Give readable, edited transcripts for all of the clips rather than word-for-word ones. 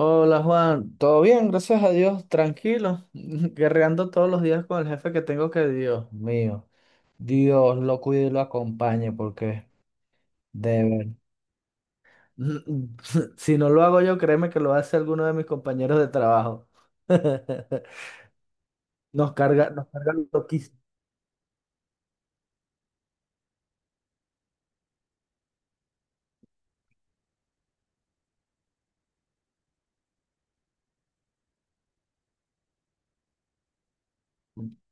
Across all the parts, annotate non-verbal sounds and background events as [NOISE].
Hola Juan, todo bien, gracias a Dios, tranquilo, [LAUGHS] guerreando todos los días con el jefe que tengo que Dios mío, Dios lo cuide y lo acompañe porque de ver- [LAUGHS] si no lo hago yo, créeme que lo hace alguno de mis compañeros de trabajo. [LAUGHS] Nos carga loquísimo.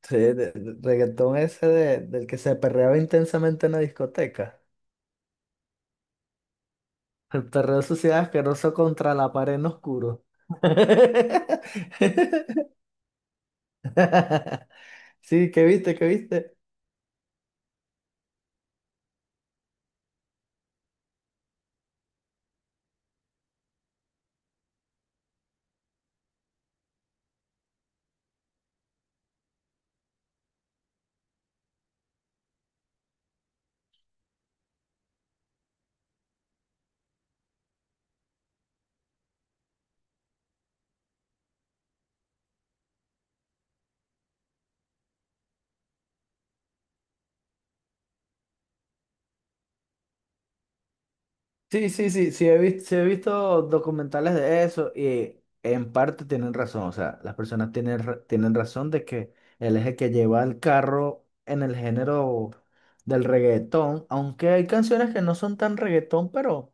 Sí, de- de- Reggaetón ese del que se perreaba intensamente en la discoteca. El perreo de suciedad asqueroso contra la pared en oscuro. [LAUGHS] Sí, ¿qué viste? ¿Qué viste? Sí, he visto, sí he visto documentales de eso, y en parte tienen razón, o sea, las personas tienen razón de que el eje que lleva el carro en el género del reggaetón, aunque hay canciones que no son tan reggaetón, pero,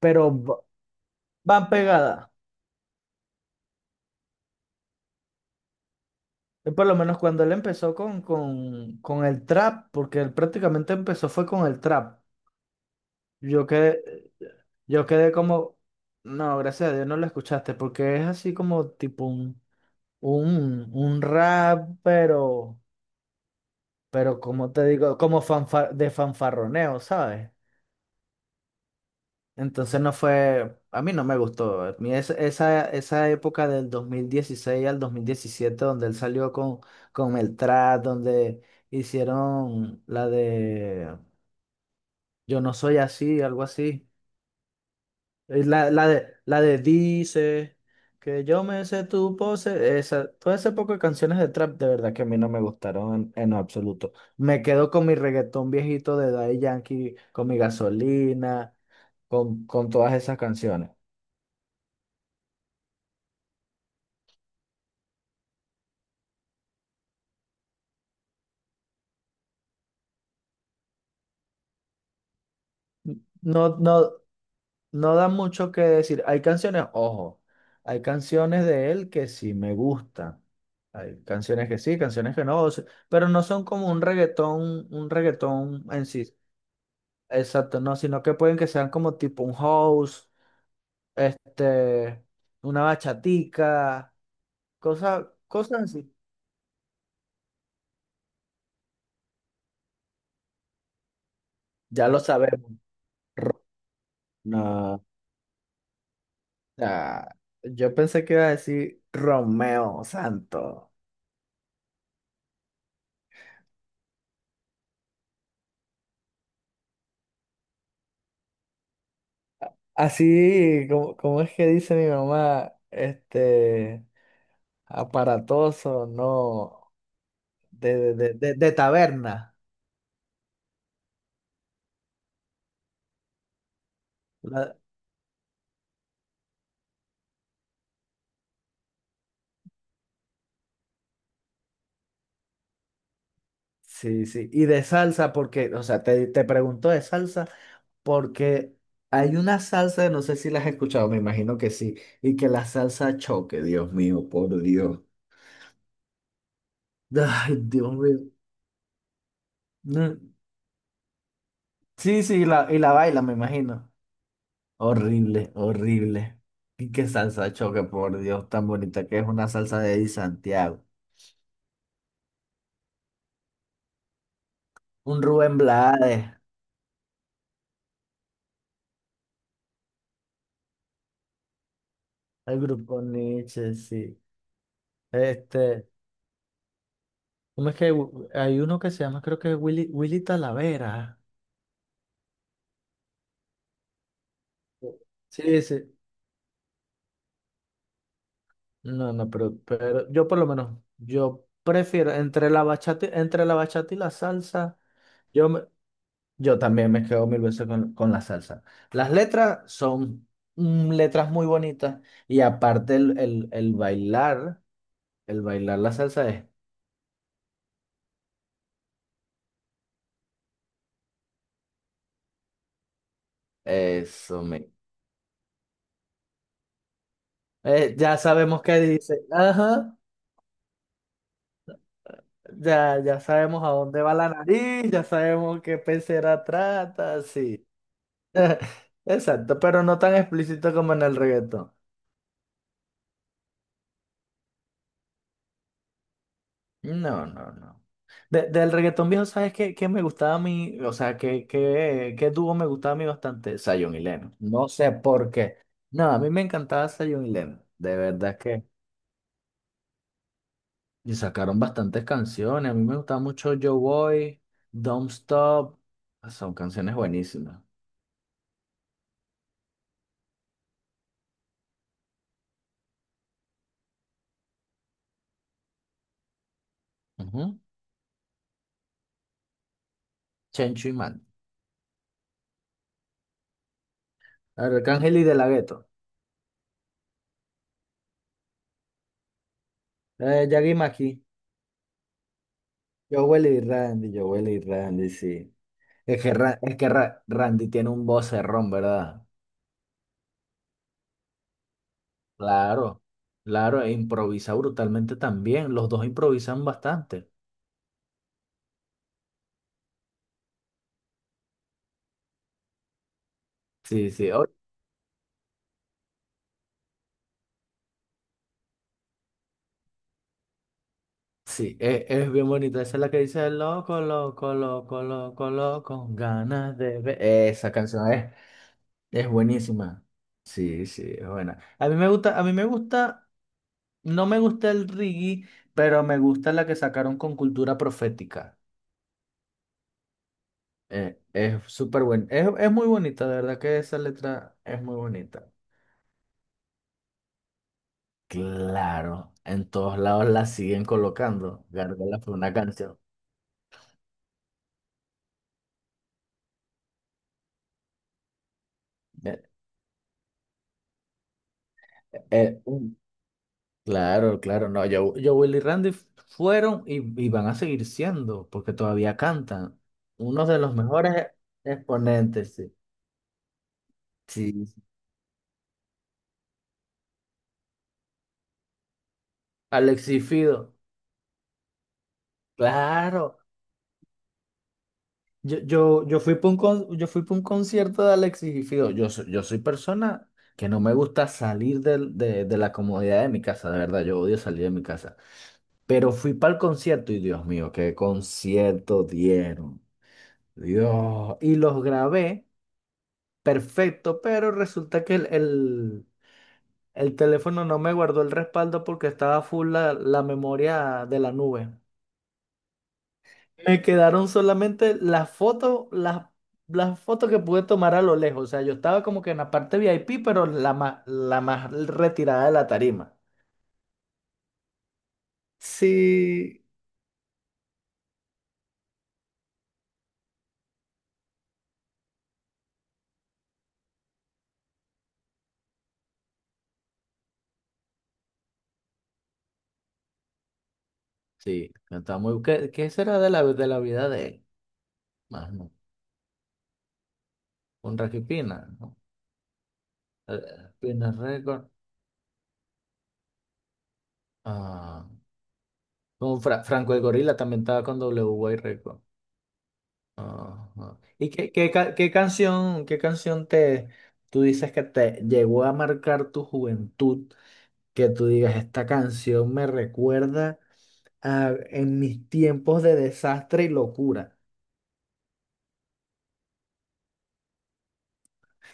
pero va- van pegadas. Y por lo menos cuando él empezó con el trap, porque él prácticamente empezó fue con el trap. Yo quedé, Yo quedé como, no, gracias a Dios no lo escuchaste, porque es así como tipo un rap, pero como te digo, de fanfarroneo, ¿sabes? Entonces no fue, a mí no me gustó. Esa, esa época del 2016 al 2017 donde él salió con el trap, donde hicieron la de "Yo no soy así", algo así. La de "Dice, que yo me sé tu pose", esa, todo ese poco de canciones de trap, de verdad que a mí no me gustaron en absoluto. Me quedo con mi reggaetón viejito de Daddy Yankee, con mi gasolina, con todas esas canciones. No, no, no da mucho que decir. Hay canciones, ojo, hay canciones de él que sí me gustan. Hay canciones que sí, canciones que no, o sea, pero no son como un reggaetón en sí. Exacto, no, sino que pueden que sean como tipo un house, este, una bachatica, cosas así. Ya lo sabemos. Ro- No, ah, yo pensé que iba a decir Romeo Santo. Así, como, como es que dice mi mamá, aparatoso, no, de taberna. La- sí, sí, y de salsa, porque, o sea, te pregunto de salsa. Porque hay una salsa, no sé si la has escuchado, me imagino que sí, y que la salsa choque, Dios mío, por Dios. Ay, Dios mío. No, sí, sí, y la baila, me imagino. Horrible, horrible. Y qué salsa choque, por Dios, tan bonita que es una salsa de Eddie Santiago. Un Rubén Blades, el grupo Nietzsche, sí. Este, ¿Cómo es que hay uno que se llama, creo que Willy Talavera? Sí, sí. No, no, pero yo por lo menos, yo prefiero entre la bachata y la salsa, yo, me- yo también me quedo mil veces con la salsa. Las letras son mm, letras muy bonitas y aparte el bailar, el bailar la salsa es eso, me, ya sabemos qué dice, ajá, ya, ya sabemos a dónde va la nariz, ya sabemos qué pecera trata, sí. [LAUGHS] Exacto, pero no tan explícito como en el reggaetón. No, no, no. De- del reggaetón viejo, ¿sabes qué, qué me gustaba a mí? O sea, ¿qué, qué, qué dúo me gustaba a mí bastante? Zion y Lennon. No sé por qué. No, a mí me encantaba Zion y Lennon. De verdad que. Y sacaron bastantes canciones. A mí me gustaba mucho Yo Boy, Don't Stop. Ah, son canciones buenísimas. Ujú. Chencho y Man. Arcángel y De La Ghetto. Yagi Maki. Jowell y Randy. Jowell y Randy, sí. Randy tiene un vocerrón, ¿verdad? Claro, claro, e improvisa brutalmente también. Los dos improvisan bastante. Sí, sí, o- sí, es, bien bonita. Esa es la que dice loco, loco, loco, loco, loco, ganas de ver. Esa canción es buenísima. Sí, sí, es buena. A mí me gusta, no me gusta el reggae, pero me gusta la que sacaron con Cultura Profética. Es súper buena. Es muy bonita, de verdad que esa letra es muy bonita. Claro, en todos lados la siguen colocando. Gárgola fue una canción. Eh, eh, mm, claro, claro, no. Willy y Randy fueron y van a seguir siendo, porque todavía cantan. Uno de los mejores exponentes, sí. Sí, sí. Alexis Fido, claro. Yo fui para yo fui pa un concierto de Alexis Fido. Yo, yo soy persona que no me gusta salir de la comodidad de mi casa, de verdad. Yo odio salir de mi casa. Pero fui para el concierto y Dios mío, qué concierto dieron. Dios. Y los grabé, perfecto, pero resulta que el teléfono no me guardó el respaldo porque estaba full la memoria de la nube. Me quedaron solamente las fotos, las fotos que pude tomar a lo lejos. O sea, yo estaba como que en la parte VIP, pero la más retirada de la tarima. Sí. Sí, está muy... ¿Qué, qué será de la vida de él? Más un Rocky Pina, ¿no? Eh, Pina Record. Ah, como Franco el Gorila también estaba con W y Record. Ajá. ¿Y qué, qué canción, tú dices que te llegó a marcar tu juventud? Que tú digas, esta canción me recuerda a, en mis tiempos de desastre y locura.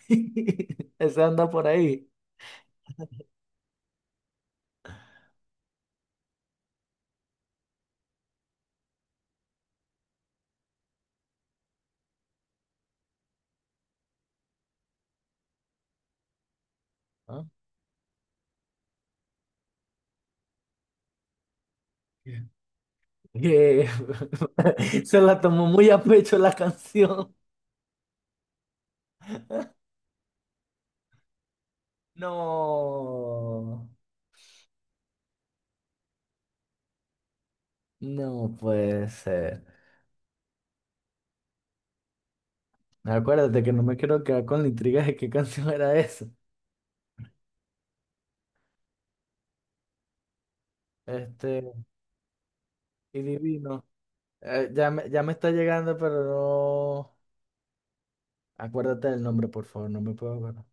[LAUGHS] Esa anda por ahí. ah, Que [LAUGHS] se la tomó muy a pecho la canción. No, no puede ser. Acuérdate que no me quiero quedar con la intriga de qué [LAUGHS] canción era esa. Este, y divino. Ya me está llegando, pero no. Acuérdate del nombre, por favor, no me puedo acordar.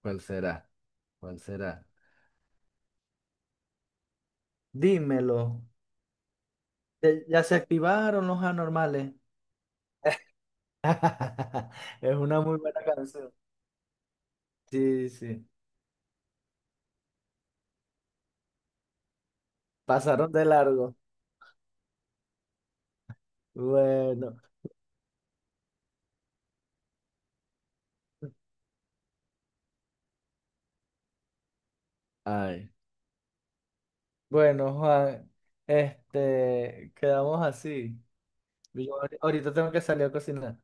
¿Cuál será? ¿Cuál será? Dímelo. ¿Ya se activaron los anormales? [LAUGHS] Es una muy buena canción. Sí, sí. Pasaron de largo. Bueno. Ay. Bueno, Juan, quedamos así. Yo ahorita tengo que salir a cocinar.